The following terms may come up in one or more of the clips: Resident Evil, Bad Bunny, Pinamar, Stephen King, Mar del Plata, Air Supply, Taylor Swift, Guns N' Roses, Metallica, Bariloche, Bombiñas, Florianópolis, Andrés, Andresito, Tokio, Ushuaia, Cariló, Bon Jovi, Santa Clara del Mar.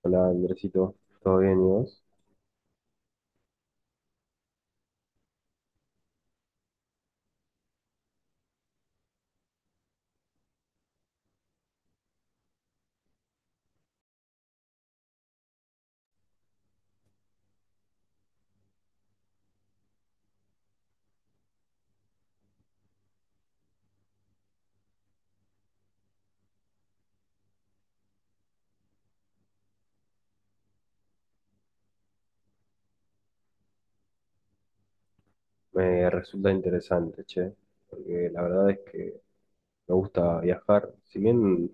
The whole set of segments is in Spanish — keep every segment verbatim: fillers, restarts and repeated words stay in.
Hola Andresito, ¿todo bien y vos? Me resulta interesante, che, porque la verdad es que me gusta viajar. Si bien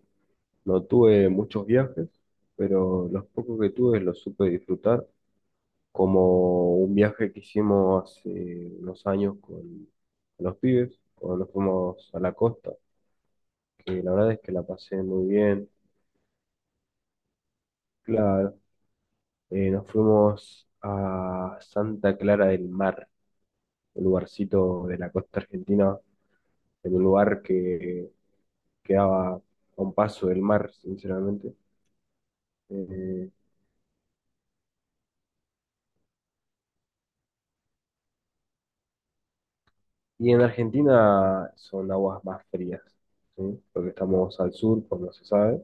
no tuve muchos viajes, pero los pocos que tuve los supe disfrutar, como un viaje que hicimos hace unos años con los pibes, cuando nos fuimos a la costa, que la verdad es que la pasé muy bien. Claro, eh, nos fuimos a Santa Clara del Mar, un lugarcito de la costa argentina en un lugar que quedaba a un paso del mar, sinceramente. Eh, y en Argentina son aguas más frías, ¿sí? Porque estamos al sur, pues no se sabe.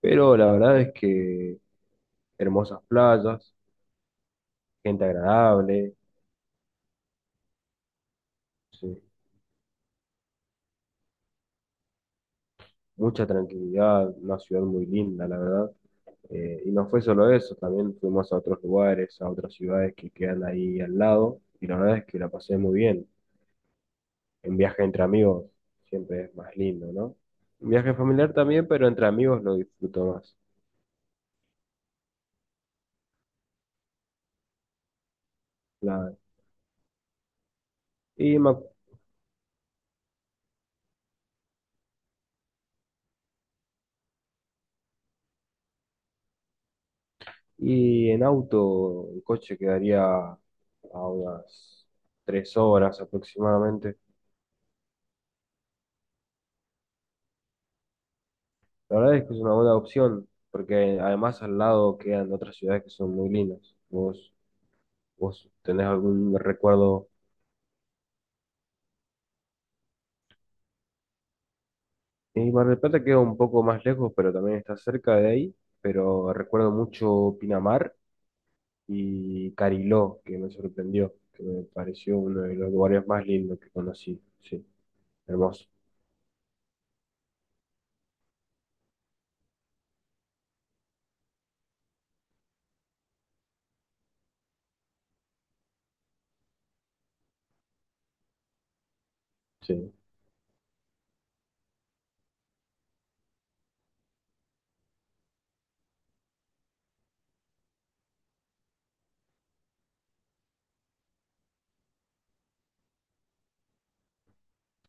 Pero la verdad es que hermosas playas, gente agradable, sí, mucha tranquilidad, una ciudad muy linda, la verdad. Eh, y no fue solo eso, también fuimos a otros lugares, a otras ciudades que quedan ahí al lado, y la verdad es que la pasé muy bien. Un viaje entre amigos siempre es más lindo, ¿no? Un viaje familiar también, pero entre amigos lo disfruto más. Claro. Y, me ac- y en auto, en coche quedaría a unas tres horas aproximadamente. La verdad es que es una buena opción, porque además al lado quedan otras ciudades que son muy lindas. ¿Vos, vos tenés algún recuerdo? Y Mar del Plata queda un poco más lejos, pero también está cerca de ahí. Pero recuerdo mucho Pinamar y Cariló, que me sorprendió, que me pareció uno de los lugares más lindos que conocí. Sí, hermoso. Sí,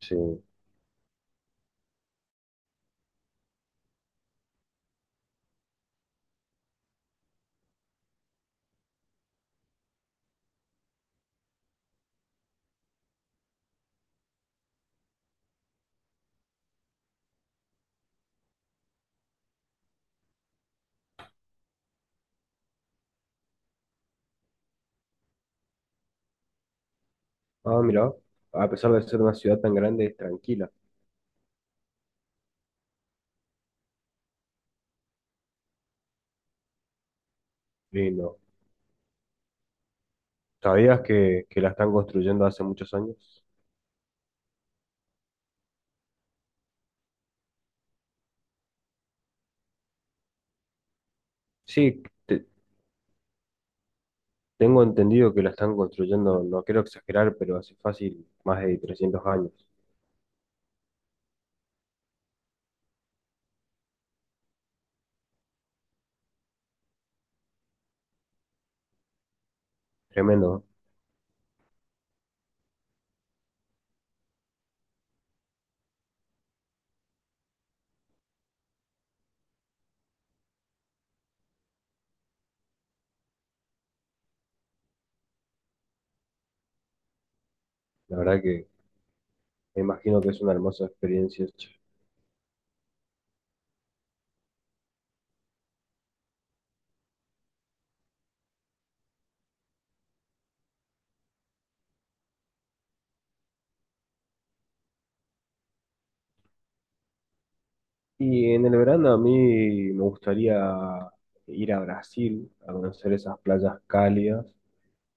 sí. Ah, mira, a pesar de ser una ciudad tan grande, es tranquila. Lindo. ¿Sabías que, que la están construyendo hace muchos años? Sí, te- tengo entendido que la están construyendo, no quiero exagerar, pero hace fácil más de trescientos años. Tremendo, ¿no? La verdad que me imagino que es una hermosa experiencia. Y en el verano a mí me gustaría ir a Brasil, a conocer esas playas cálidas,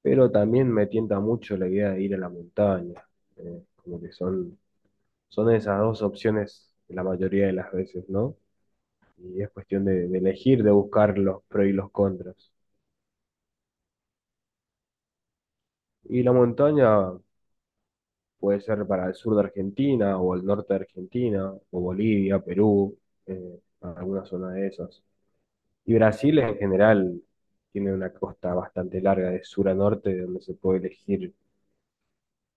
pero también me tienta mucho la idea de ir a la montaña, eh, como que son, son esas dos opciones la mayoría de las veces, ¿no? Y es cuestión de, de elegir, de buscar los pros y los contras. Y la montaña puede ser para el sur de Argentina o el norte de Argentina, o Bolivia, Perú, eh, alguna zona de esas. Y Brasil en general tiene una costa bastante larga de sur a norte, donde se puede elegir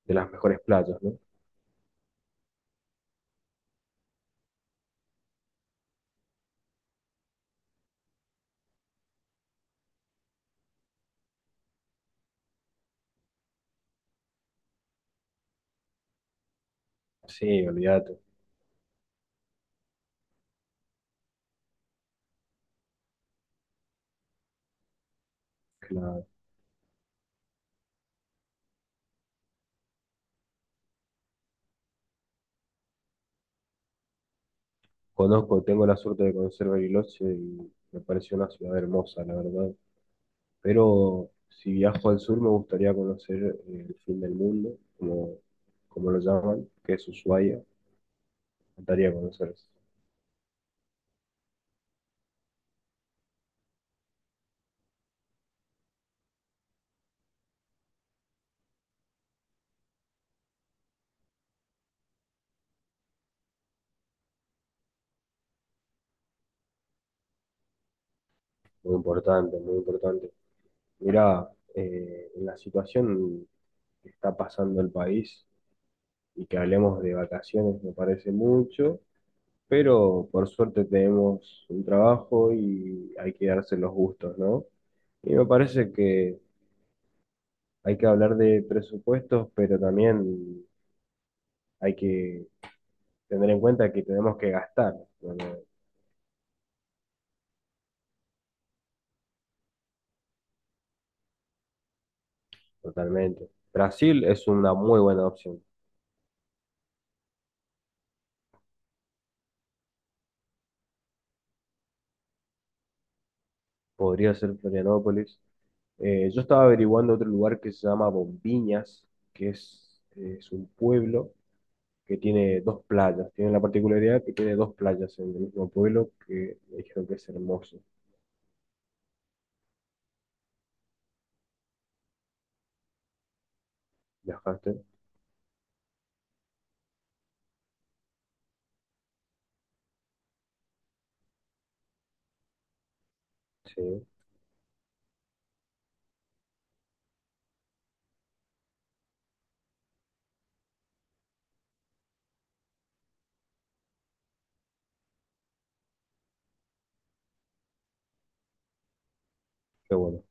de las mejores playas, ¿no? Sí, olvídate. La conozco, tengo la suerte de conocer Bariloche y me pareció una ciudad hermosa, la verdad. Pero si viajo al sur me gustaría conocer eh, el fin del mundo, como, como lo llaman, que es Ushuaia. Me gustaría conocer eso. Muy importante, muy importante. Mira, eh, la situación que está pasando el país y que hablemos de vacaciones me parece mucho, pero por suerte tenemos un trabajo y hay que darse los gustos, ¿no? Y me parece que hay que hablar de presupuestos, pero también hay que tener en cuenta que tenemos que gastar, ¿no? Totalmente. Brasil es una muy buena opción. Podría ser Florianópolis. Eh, yo estaba averiguando otro lugar que se llama Bombiñas, que es, es un pueblo que tiene dos playas. Tiene la particularidad que tiene dos playas en el mismo pueblo que me dijeron que es hermoso. ¿Viajaste? Sí, qué bueno.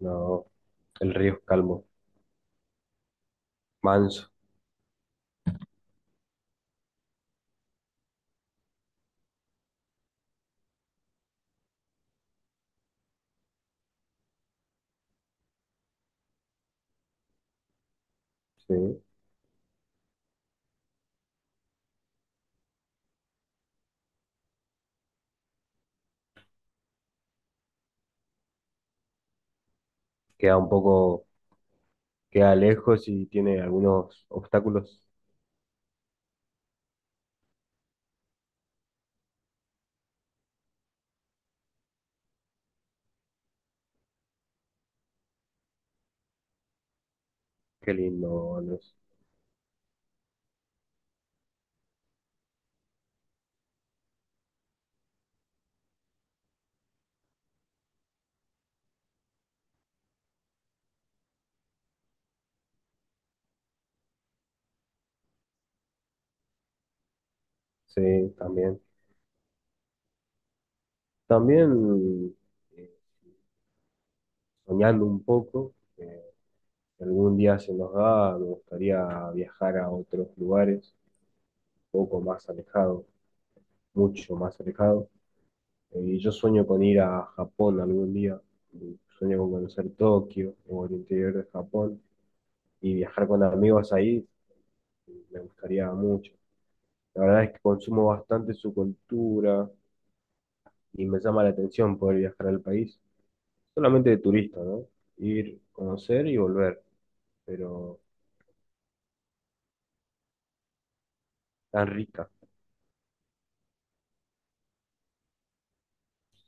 No, el río es calmo, manso, sí. Queda un poco, queda lejos y tiene algunos obstáculos. Qué lindo, Andrés. Sí, también. También eh, soñando un poco, eh, si algún día se nos da, me gustaría viajar a otros lugares, un poco más alejado, mucho más alejado. Eh, Y yo sueño con ir a Japón algún día, y sueño con conocer Tokio o el interior de Japón y viajar con amigos ahí, me gustaría mucho. La verdad es que consumo bastante su cultura y me llama la atención poder viajar al país, solamente de turista, ¿no? Ir, conocer y volver, pero tan rica.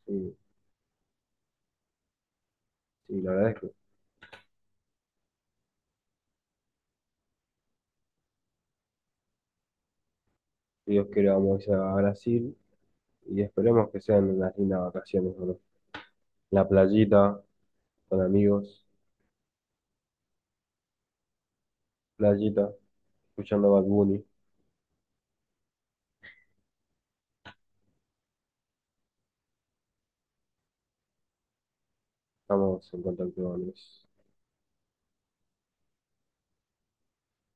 Sí, sí, la verdad es que si Dios quiere vamos a ir a Brasil y esperemos que sean unas lindas vacaciones, ¿no? La playita, con amigos, playita, escuchando Bad Bunny. Estamos en contacto, Andrés.